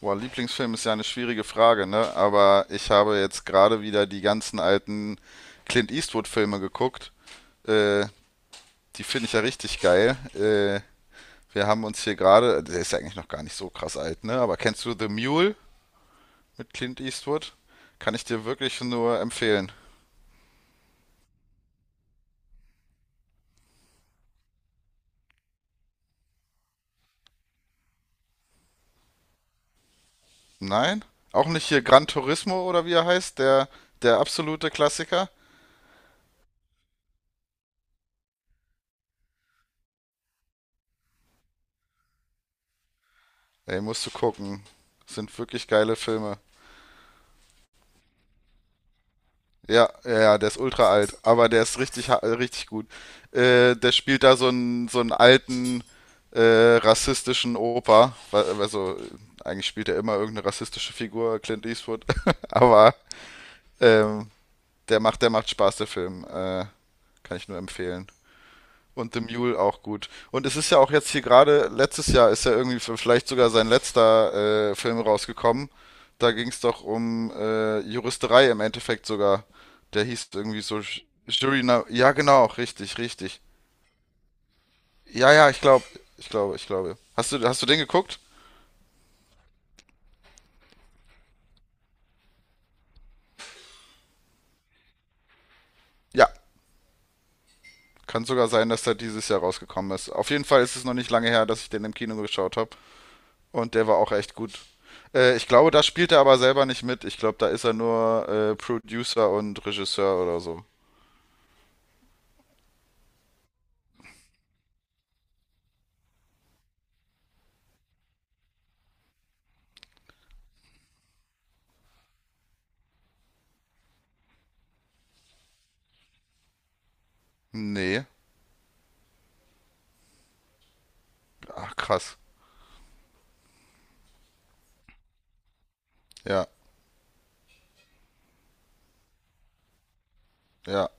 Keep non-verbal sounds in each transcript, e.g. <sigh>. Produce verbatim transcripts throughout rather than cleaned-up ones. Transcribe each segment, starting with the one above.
Boah, Lieblingsfilm ist ja eine schwierige Frage, ne? Aber ich habe jetzt gerade wieder die ganzen alten Clint Eastwood-Filme geguckt. Äh, Die finde ich ja richtig geil. Äh, wir haben uns hier gerade, der ist ja eigentlich noch gar nicht so krass alt, ne? Aber kennst du The Mule mit Clint Eastwood? Kann ich dir wirklich nur empfehlen. Nein? Auch nicht hier Gran Turismo oder wie er heißt, der, der absolute Klassiker? Ey, musst du gucken. Sind wirklich geile Filme. Ja, ja, ja, der ist ultra alt, aber der ist richtig, ha- äh, richtig gut. Äh, der spielt da so einen, so einen alten äh, rassistischen Opa. Wa- Also, äh, eigentlich spielt er immer irgendeine rassistische Figur, Clint Eastwood. <laughs> Aber ähm, der macht, der macht Spaß, der Film. Äh, kann ich nur empfehlen. Und The Mule auch gut. Und es ist ja auch jetzt hier gerade, letztes Jahr ist ja irgendwie für- vielleicht sogar sein letzter äh, Film rausgekommen. Da ging es doch um äh, Juristerei im Endeffekt sogar. Der hieß irgendwie so J- Jury Now. Ja, genau, richtig, richtig. Ja, ja, ich glaube, ich glaube, ich glaube. Hast du, hast du den geguckt? Ja, kann sogar sein, dass der dieses Jahr rausgekommen ist. Auf jeden Fall ist es noch nicht lange her, dass ich den im Kino geschaut habe. Und der war auch echt gut. Äh, ich glaube, da spielt er aber selber nicht mit. Ich glaube, da ist er nur äh, Producer und Regisseur oder so. Nee. Ach, krass. Ja, ja,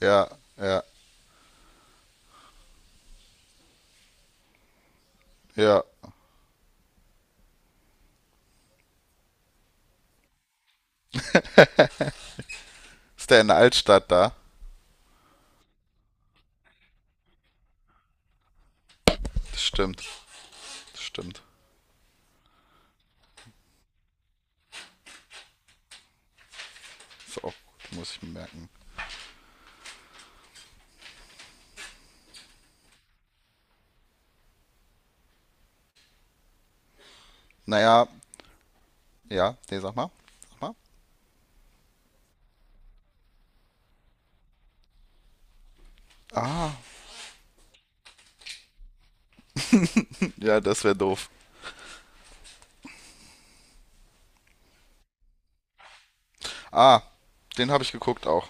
ja, ja, ja. Ist der in der Altstadt da? Das stimmt. Das stimmt. Ist auch gut, muss ich mir merken. Naja, ja, Ja. Nee, sag mal. Sag mal. Ja, das wäre doof. Ah, den habe ich geguckt auch.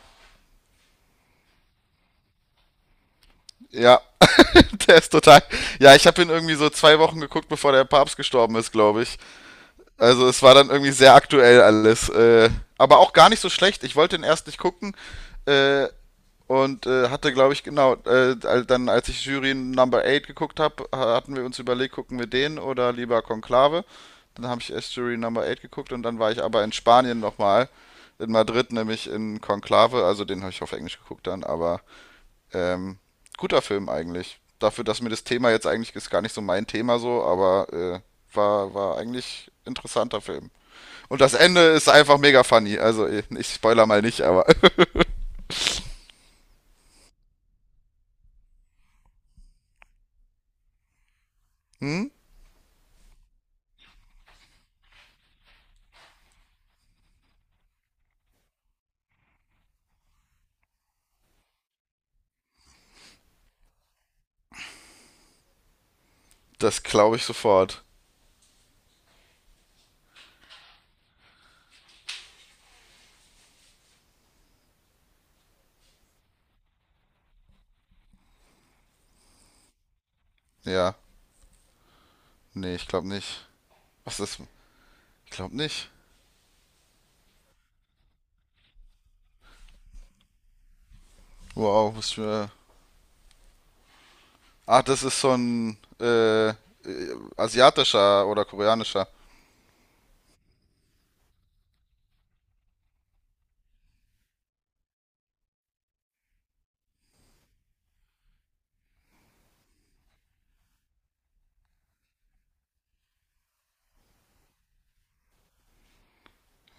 Ja, <laughs> der ist total. Ja, ich habe ihn irgendwie so zwei Wochen geguckt, bevor der Papst gestorben ist, glaube ich. Also es war dann irgendwie sehr aktuell alles. Äh, aber auch gar nicht so schlecht. Ich wollte den erst nicht gucken äh, und äh, hatte, glaube ich, genau, äh, dann als ich Jury Number Eight geguckt habe, hatten wir uns überlegt, gucken wir den oder lieber Konklave. Dann habe ich erst Jury Number Eight geguckt und dann war ich aber in Spanien nochmal. In Madrid, nämlich in Konklave. Also den habe ich auf Englisch geguckt dann, aber ähm, guter Film eigentlich. Dafür, dass mir das Thema jetzt eigentlich ist gar nicht so mein Thema so, aber äh, war, war eigentlich interessanter Film. Und das Ende ist einfach mega funny. Also, ich spoiler mal nicht, aber. Hm? Das glaube ich sofort. Ja. Nee, ich glaube nicht. Was ist. Ich glaube nicht. Wow, muss ich mir. Ach, das ist so ein. Äh, asiatischer oder koreanischer.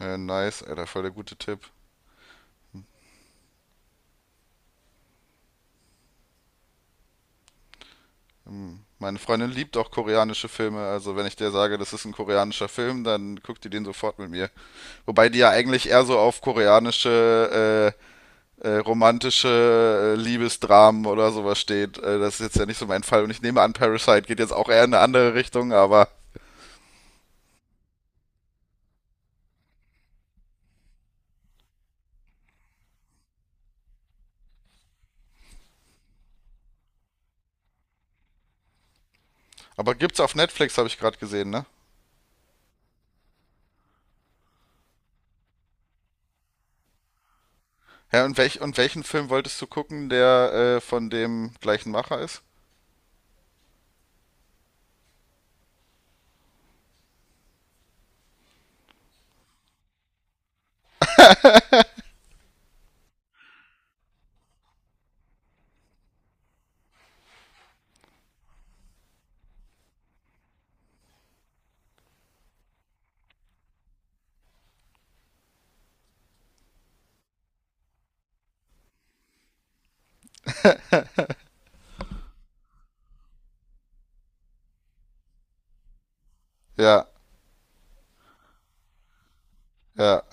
Äh, nice, Alter, voll der gute Tipp. Hm. Meine Freundin liebt auch koreanische Filme, also wenn ich dir sage, das ist ein koreanischer Film, dann guckt die den sofort mit mir. Wobei die ja eigentlich eher so auf koreanische Äh, äh, romantische äh, Liebesdramen oder sowas steht. Äh, das ist jetzt ja nicht so mein Fall. Und ich nehme an, Parasite geht jetzt auch eher in eine andere Richtung, aber, aber gibt's auf Netflix, habe ich gerade gesehen, ne? Ja, und, welch, und welchen Film wolltest du gucken, der äh, von dem gleichen Macher ist? Ja, ja,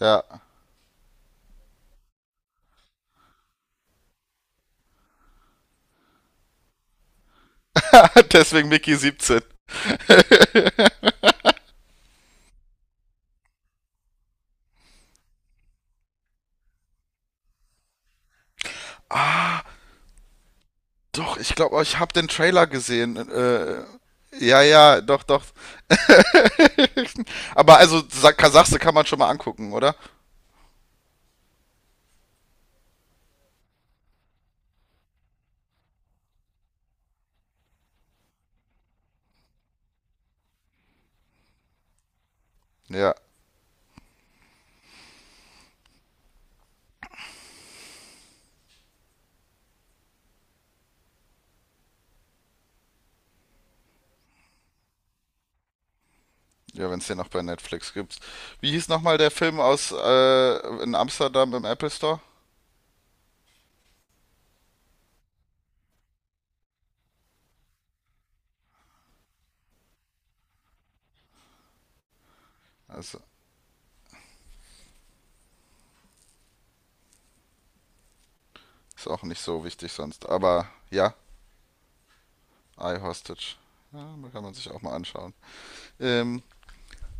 ja. <laughs> Deswegen Mickey siebzehn. Doch, ich glaube, ich habe den Trailer gesehen. Äh, ja, ja, doch, doch. <laughs> Aber also Sa- Kasachse kann man schon mal angucken, oder? Ja. Ja, wenn es den noch bei Netflix gibt. Wie hieß nochmal der Film aus äh, in Amsterdam im Apple Store? Also, ist auch nicht so wichtig sonst. Aber ja, I Hostage. Ja, kann man sich auch mal anschauen. Ähm,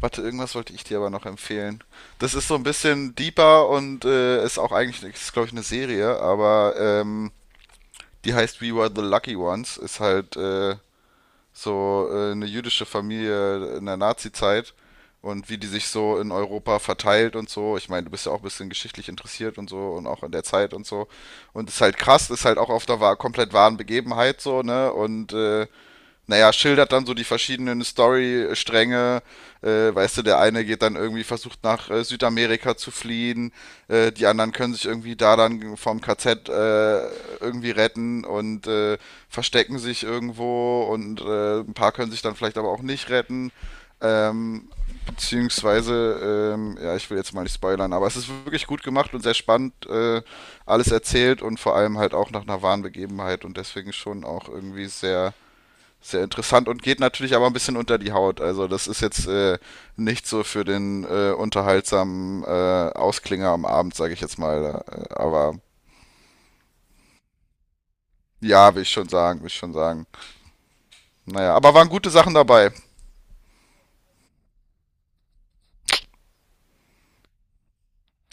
Warte, irgendwas wollte ich dir aber noch empfehlen. Das ist so ein bisschen deeper und äh, ist auch eigentlich, ist glaube ich, eine Serie, aber ähm, die heißt We Were the Lucky Ones. Ist halt äh, so äh, eine jüdische Familie in der Nazi-Zeit und wie die sich so in Europa verteilt und so. Ich meine, du bist ja auch ein bisschen geschichtlich interessiert und so und auch in der Zeit und so. Und ist halt krass, ist halt auch auf der wa- komplett wahren Begebenheit so, ne? Und äh, naja, schildert dann so die verschiedenen Story-Stränge. Äh, weißt du, der eine geht dann irgendwie, versucht nach äh, Südamerika zu fliehen, äh, die anderen können sich irgendwie da dann vom K Z äh, irgendwie retten und äh, verstecken sich irgendwo und äh, ein paar können sich dann vielleicht aber auch nicht retten. Ähm, beziehungsweise, ähm, ja, ich will jetzt mal nicht spoilern, aber es ist wirklich gut gemacht und sehr spannend äh, alles erzählt und vor allem halt auch nach einer wahren Begebenheit und deswegen schon auch irgendwie sehr sehr interessant und geht natürlich aber ein bisschen unter die Haut. Also das ist jetzt äh, nicht so für den äh, unterhaltsamen äh, Ausklinger am Abend, sage ich jetzt mal. Äh, Aber ja, will ich schon sagen, will ich schon sagen. Naja, aber waren gute Sachen dabei.